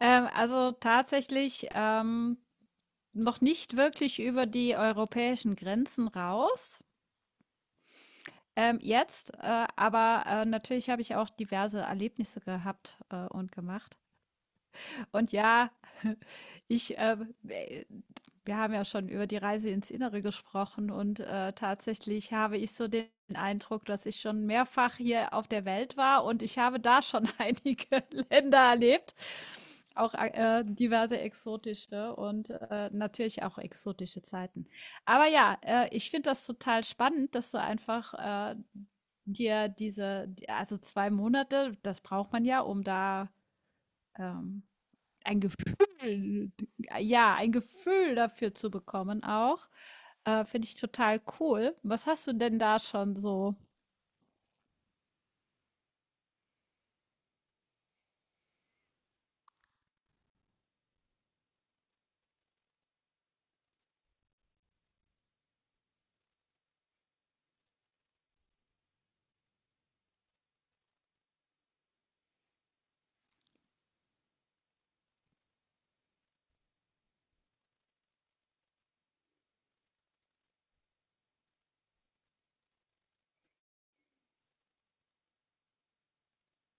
Also tatsächlich noch nicht wirklich über die europäischen Grenzen raus. Jetzt aber natürlich habe ich auch diverse Erlebnisse gehabt und gemacht. Und ja, ich, wir haben ja schon über die Reise ins Innere gesprochen und tatsächlich habe ich so den Eindruck, dass ich schon mehrfach hier auf der Welt war und ich habe da schon einige Länder erlebt, auch diverse exotische und natürlich auch exotische Zeiten. Aber ja, ich finde das total spannend, dass du einfach äh, dir also zwei Monate, das braucht man ja, um da ähm, ein Gefühl, ja, ein Gefühl dafür zu bekommen auch, finde ich total cool. Was hast du denn da schon so?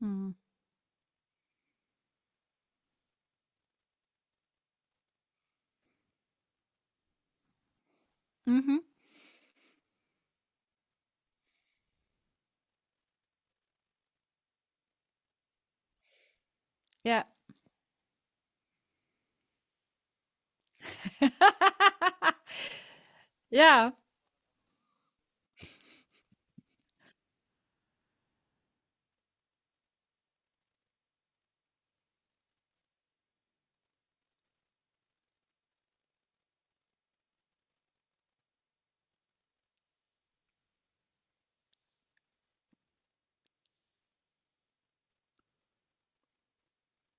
Hm. Mhm. Ja. Ja.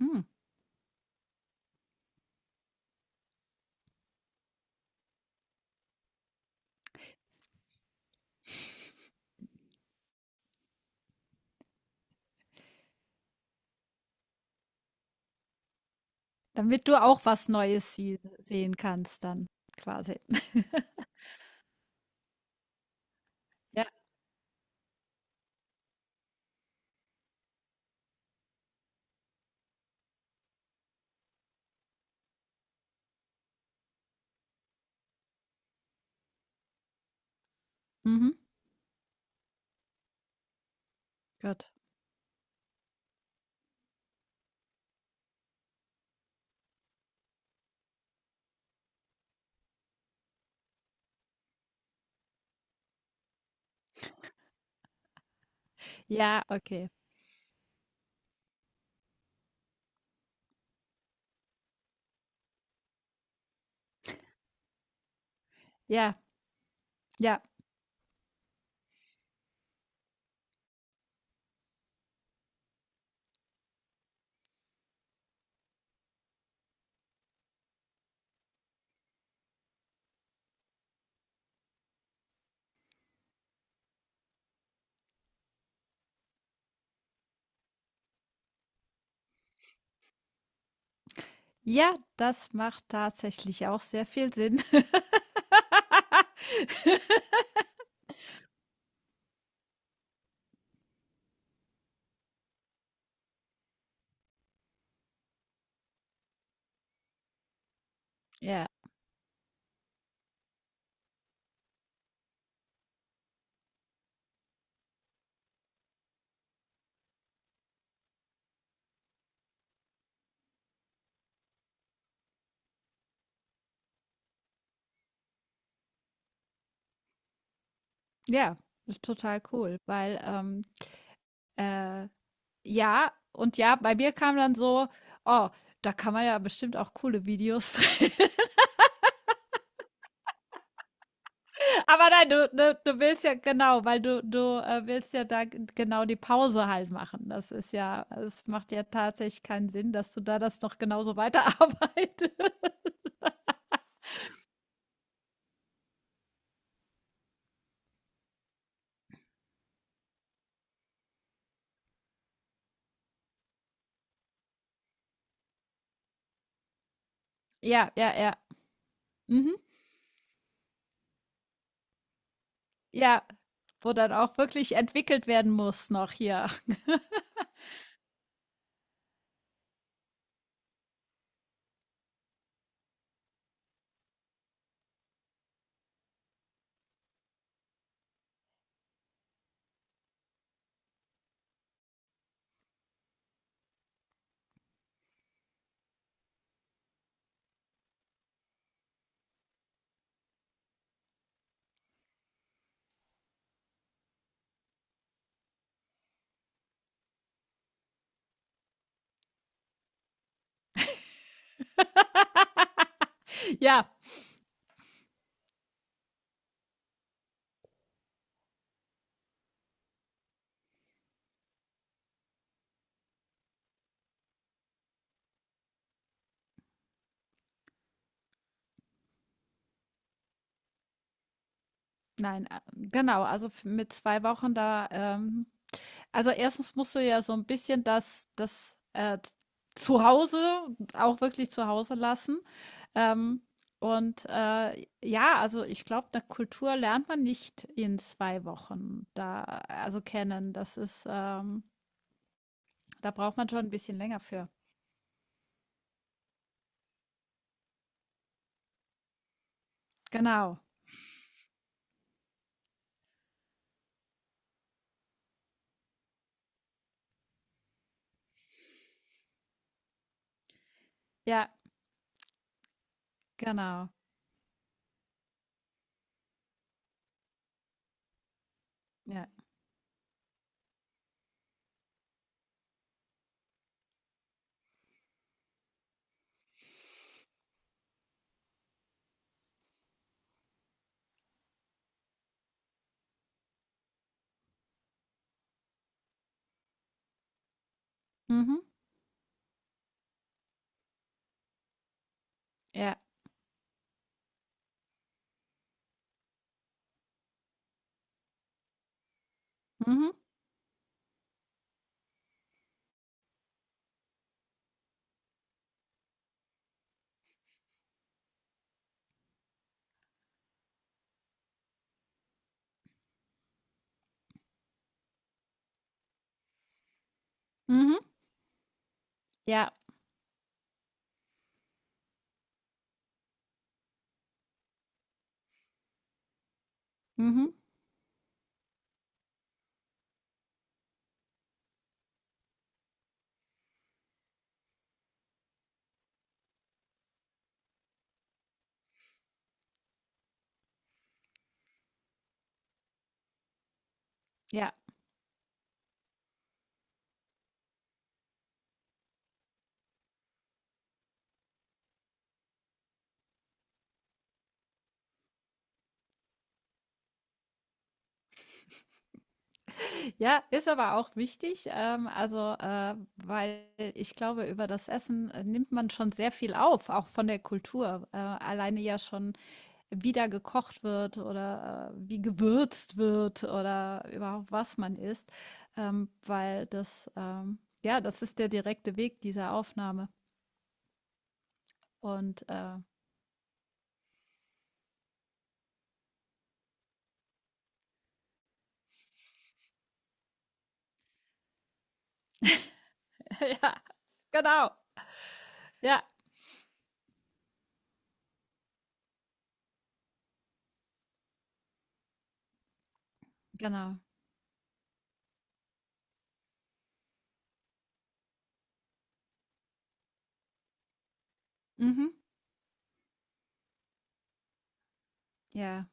Hm. Damit du auch was Neues sie sehen kannst dann quasi. Ja. Mhm. Gut. Ja, okay. Ja, ja. Ja, das macht tatsächlich auch sehr viel Sinn. Ja. Ja, ist total cool, weil, Äh, ja, und ja, bei mir kam dann so: „Oh, da kann man ja bestimmt auch coole Videos drehen.“ Aber nein, du ne, du willst ja genau, weil du willst ja da g genau die Pause halt machen. Das ist ja, es macht ja tatsächlich keinen Sinn, dass du da das noch genauso weiterarbeitest. Ja, ja, ja. Mhm. Ja, wo dann auch wirklich entwickelt werden muss noch hier. Ja, nein, genau, also f mit 2 Wochen da, also erstens musst du ja so ein bisschen das Z Zuhause auch wirklich zu Hause lassen. Ähm, und, ja, also ich glaube, eine Kultur lernt man nicht in 2 Wochen da also kennen. Das ist, da braucht man schon ein bisschen länger für. Genau. Ja, genau. Ja. Mhm. Ja. Mhm. Mhm. Ja. Mhm. Ja. Ja, ist aber auch wichtig, also, weil ich glaube, über das Essen, nimmt man schon sehr viel auf, auch von der Kultur. Alleine ja schon, wie da gekocht wird oder, wie gewürzt wird oder überhaupt was man isst, weil das, ja, das ist der direkte Weg dieser Aufnahme und, ja, genau, ja, genau. Mhm, ja,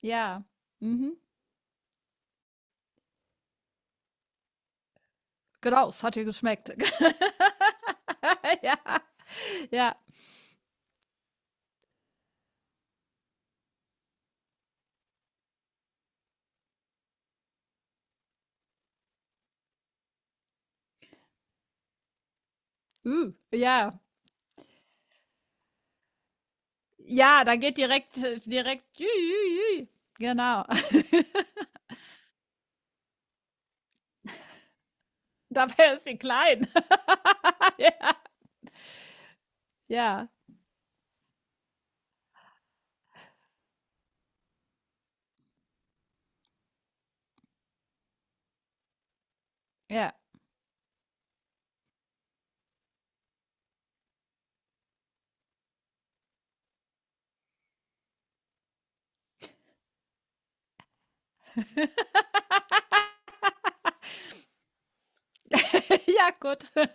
ja, mhm. Genau, es hat dir geschmeckt. Ja, ja, ja, ja, da geht direkt, direkt, jü, jü, jü. Genau. Dabei ist sie klein. Ja, ja, ja, gut.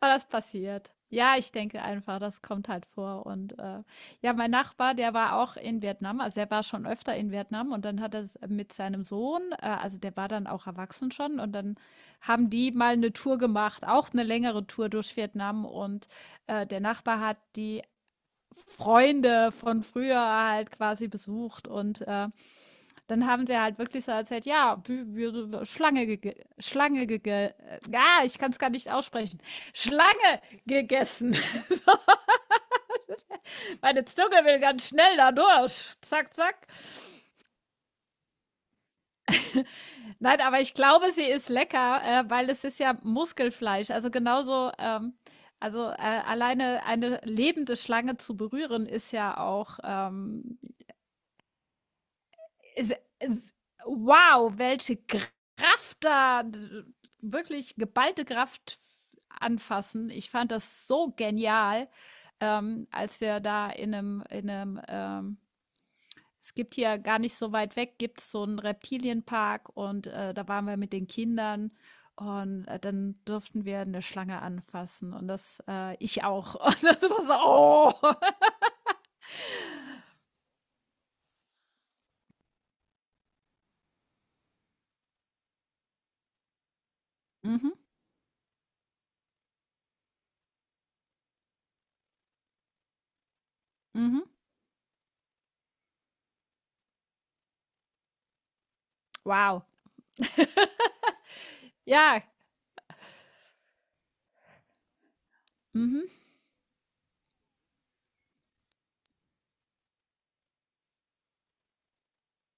Aber das passiert. Ja, ich denke einfach, das kommt halt vor. Und ja, mein Nachbar, der war auch in Vietnam, also er war schon öfter in Vietnam und dann hat er mit seinem Sohn, also der war dann auch erwachsen schon, und dann haben die mal eine Tour gemacht, auch eine längere Tour durch Vietnam. Und der Nachbar hat die Freunde von früher halt quasi besucht und dann haben sie halt wirklich so erzählt, ja, wir, Schlange gege ja, ich kann es gar nicht aussprechen. Schlange gegessen. So, meine Zunge will ganz schnell da durch. Zack, zack. Nein, aber ich glaube, sie ist lecker, weil es ist ja Muskelfleisch. Also genauso, also alleine eine lebende Schlange zu berühren, ist ja auch es, es, wow, welche Kraft da, wirklich geballte Kraft anfassen. Ich fand das so genial, als wir da in einem, es gibt hier gar nicht so weit weg, gibt es so einen Reptilienpark und da waren wir mit den Kindern und dann durften wir eine Schlange anfassen und das, ich auch. Und das war so, oh. Mhm, mhm. Wow. Ja, mhm.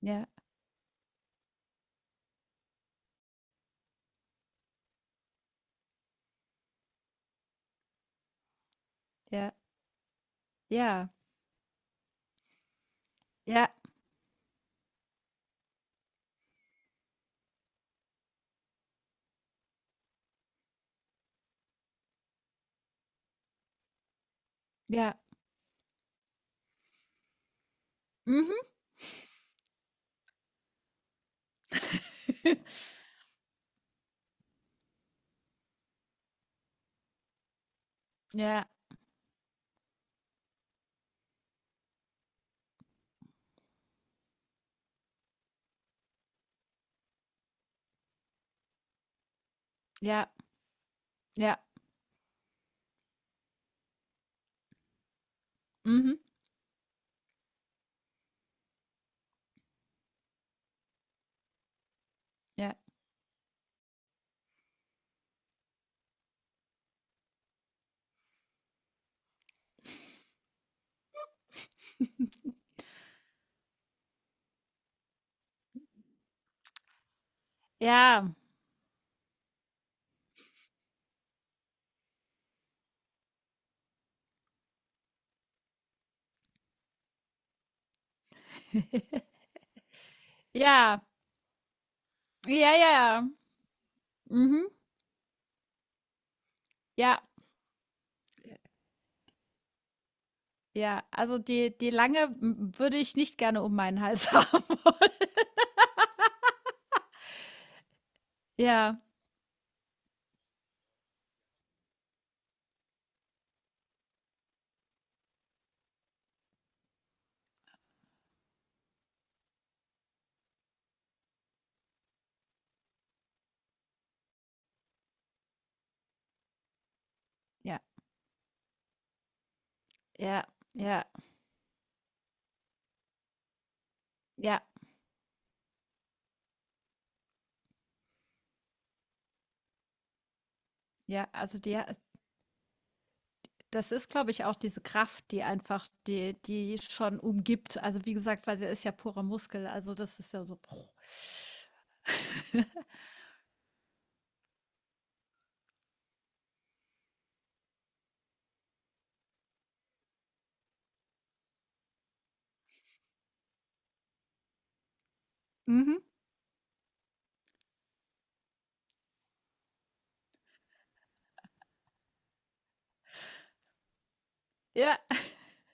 Ja, ja, ja. Ja, ja. Mhm. Ja, ja, ja. Mhm. Ja. Ja, ja, ja, ja. Ja. Mhm. Ja, ja. Also die die Lange m würde ich nicht gerne um meinen Hals haben wollen. Ja, ja, ja, ja, ja, ja. Also die Das ist, glaube ich, auch diese Kraft, die einfach die schon umgibt. Also, wie gesagt, weil sie ist ja purer Muskel, also das ist ja so Mhm. Ja.